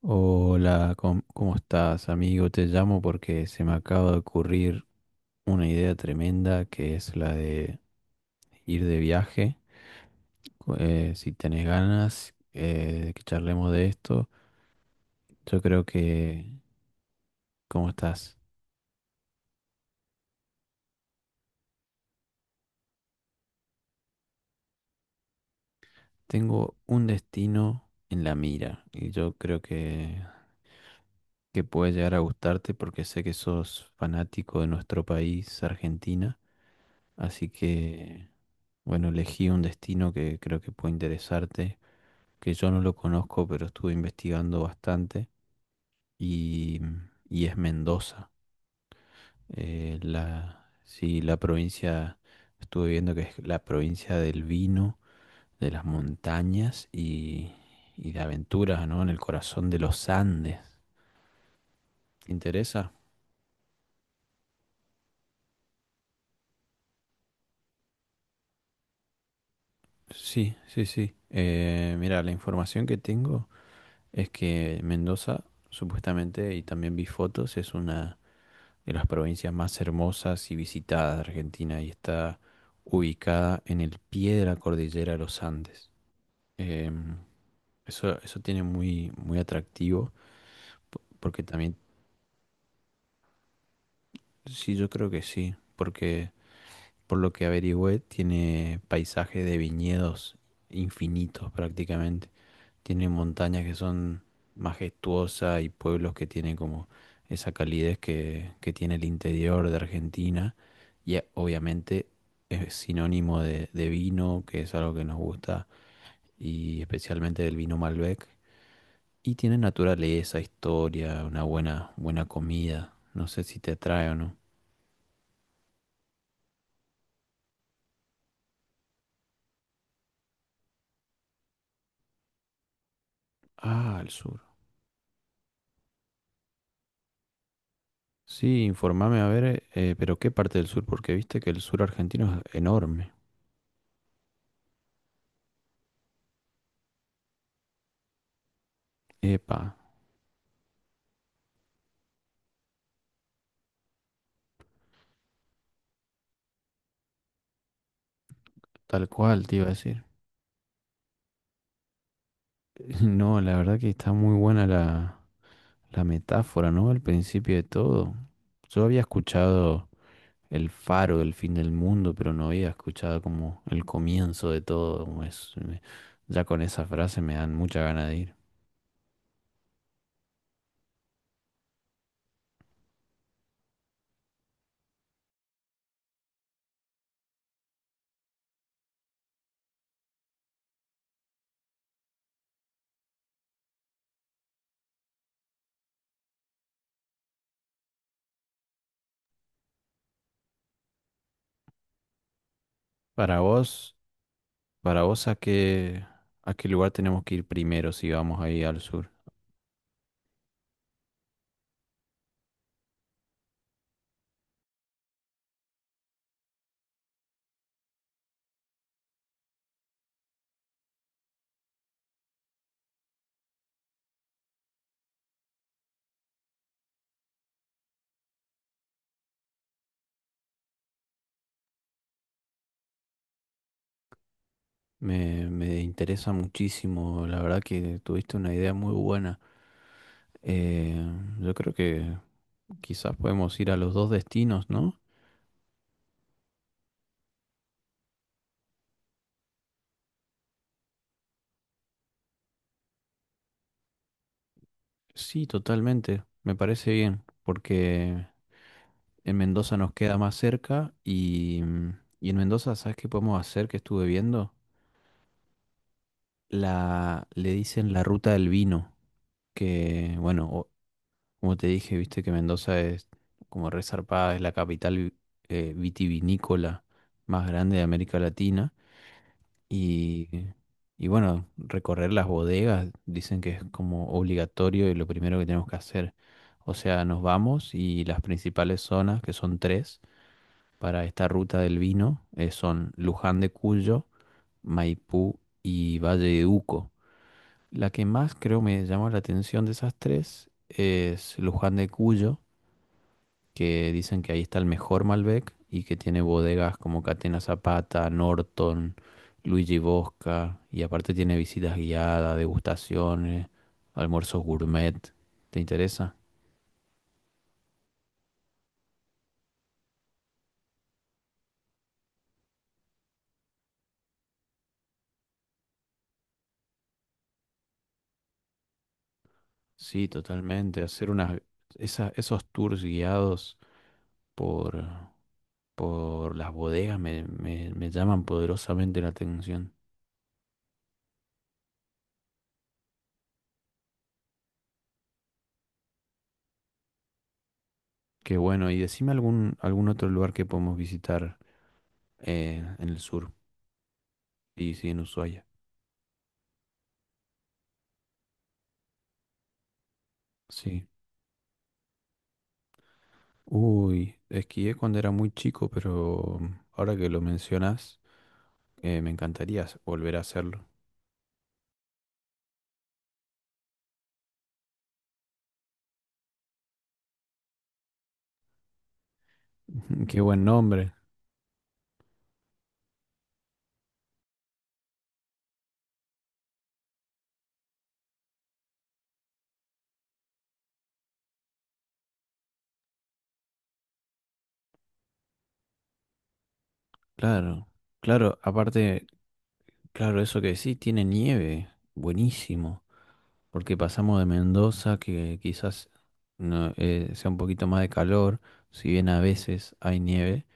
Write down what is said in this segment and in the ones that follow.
Hola, ¿cómo estás, amigo? Te llamo porque se me acaba de ocurrir una idea tremenda que es la de ir de viaje. Si tenés ganas de que charlemos de esto, yo creo que, ¿cómo estás? Tengo un destino en la mira y yo creo que puede llegar a gustarte porque sé que sos fanático de nuestro país, Argentina. Así que, bueno, elegí un destino que creo que puede interesarte, que yo no lo conozco, pero estuve investigando bastante, y, y es Mendoza. Sí, la provincia, estuve viendo que es la provincia del vino, de las montañas y de aventuras, ¿no? En el corazón de los Andes. ¿Te interesa? Sí, sí, sí. Mira, la información que tengo es que Mendoza, supuestamente, y también vi fotos, es una de las provincias más hermosas y visitadas de Argentina y está ubicada en el pie de la cordillera de los Andes. Em, eso tiene muy, muy atractivo porque también, sí, yo creo que sí, porque por lo que averigüé tiene paisaje de viñedos infinitos prácticamente. Tiene montañas que son majestuosas y pueblos que tienen como esa calidez que tiene el interior de Argentina. Y obviamente es sinónimo de vino, que es algo que nos gusta, y especialmente del vino Malbec. Y tiene naturaleza, historia, una buena, buena comida. No sé si te atrae o no. Ah, el sur. Sí, informame a ver, pero ¿qué parte del sur? Porque viste que el sur argentino es enorme. Epa, tal cual te iba a decir. No, la verdad que está muy buena la, la metáfora, ¿no? Al principio de todo. Yo había escuchado el faro del fin del mundo, pero no había escuchado como el comienzo de todo. Ya con esa frase me dan mucha gana de ir. Para vos, para vos, ¿a qué lugar tenemos que ir primero si vamos ahí al sur? Me interesa muchísimo, la verdad que tuviste una idea muy buena. Eh, yo creo que quizás podemos ir a los dos destinos, ¿no? Sí, totalmente. Me parece bien, porque en Mendoza nos queda más cerca y, y en Mendoza, ¿sabes qué podemos hacer? Que estuve viendo. La, le dicen la ruta del vino, que bueno, como te dije, viste que Mendoza es como resarpada, es la capital vitivinícola más grande de América Latina. Y, y bueno, recorrer las bodegas, dicen que es como obligatorio y lo primero que tenemos que hacer. O sea, nos vamos y las principales zonas, que son tres, para esta ruta del vino, son Luján de Cuyo, Maipú y Valle de Uco. La que más creo me llamó la atención de esas tres es Luján de Cuyo, que dicen que ahí está el mejor Malbec y que tiene bodegas como Catena Zapata, Norton, Luigi Bosca, y aparte tiene visitas guiadas, degustaciones, almuerzos gourmet. ¿Te interesa? Sí, totalmente. Hacer unas, esos tours guiados por, por las bodegas me, me llaman poderosamente la atención. Qué bueno. Y decime algún otro lugar que podemos visitar en el sur, y sí, en Ushuaia. Sí. Uy, esquié cuando era muy chico, pero ahora que lo mencionas, me encantaría volver a hacerlo. Qué buen nombre. Claro, claro, aparte, claro, eso que sí, tiene nieve. Buenísimo. Porque pasamos de Mendoza, que quizás no, sea un poquito más de calor, si bien a veces hay nieve,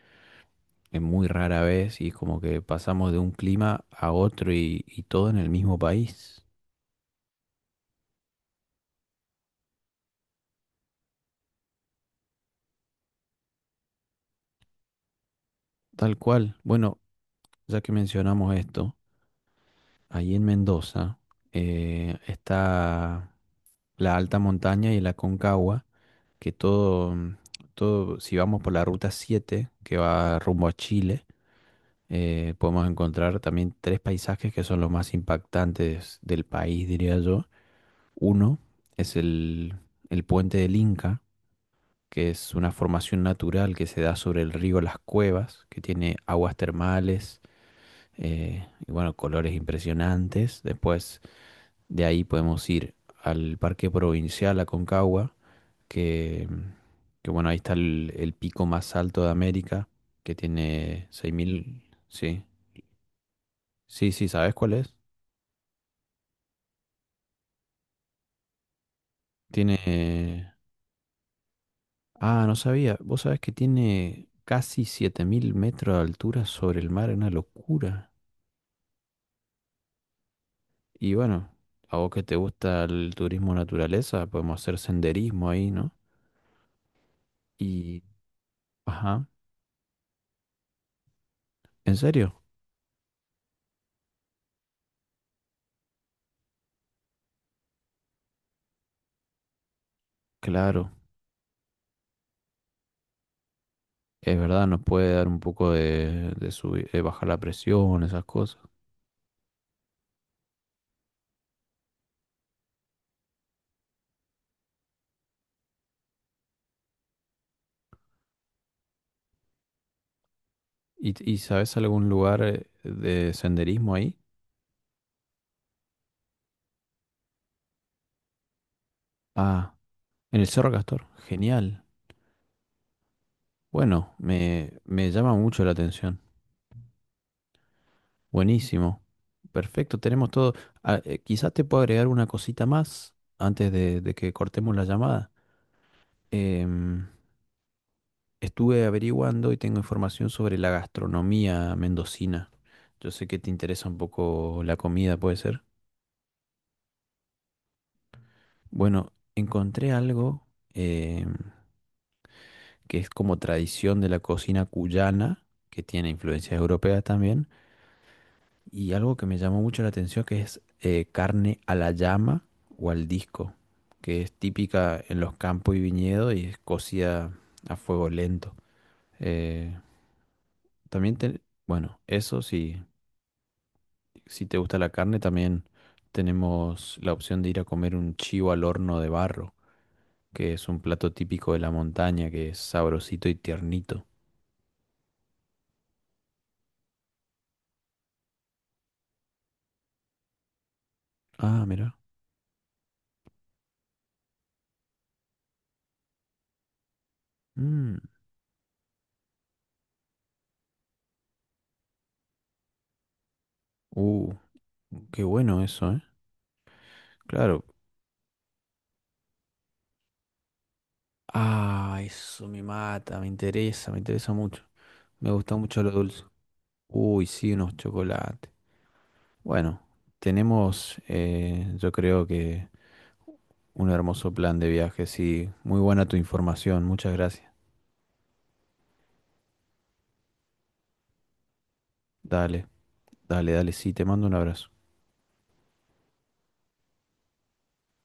es muy rara vez, y es como que pasamos de un clima a otro y todo en el mismo país. Tal cual. Bueno, ya que mencionamos esto. Ahí en Mendoza está la alta montaña y la Concagua, que todo, si vamos por la ruta 7 que va rumbo a Chile, podemos encontrar también tres paisajes que son los más impactantes del país, diría yo. Uno es el puente del Inca, que es una formación natural que se da sobre el río Las Cuevas, que tiene aguas termales y bueno, colores impresionantes. Después de ahí podemos ir al Parque Provincial Aconcagua, que, que bueno, ahí está el pico más alto de América, que tiene 6.000. Sí, sí, sí, ¿sabes cuál es? Tiene... Ah, no sabía. Vos sabés que tiene casi 7.000 metros de altura sobre el mar, una locura. Y bueno, a vos que te gusta el turismo naturaleza, podemos hacer senderismo ahí, ¿no? Y... Ajá, ¿en serio? Claro. Es verdad, nos puede dar un poco de bajar la presión, esas cosas. Y sabes algún lugar de senderismo ahí? Ah, en el Cerro Castor. Genial. Bueno, me llama mucho la atención. Buenísimo. Perfecto, tenemos todo. Ah, quizás te puedo agregar una cosita más antes de que cortemos la llamada. Em, Estuve averiguando y tengo información sobre la gastronomía mendocina. Yo sé que te interesa un poco la comida, ¿puede ser? Bueno, encontré algo em, que es como tradición de la cocina cuyana, que tiene influencias europeas también, y algo que me llamó mucho la atención que es carne a la llama o al disco, que es típica en los campos y viñedos y es cocida a fuego lento. Eh, también, te- bueno, eso sí, si te gusta la carne, también tenemos la opción de ir a comer un chivo al horno de barro que es un plato típico de la montaña, que es sabrosito y tiernito. Ah, mira. Mm, uh, qué bueno eso, ¿eh? Claro. Ah, eso me mata, me interesa mucho. Me gusta mucho lo dulce. Uy, sí, unos chocolates. Bueno, tenemos, yo creo que un hermoso plan de viaje, sí. Muy buena tu información, muchas gracias. Dale, dale, dale, sí, te mando un abrazo.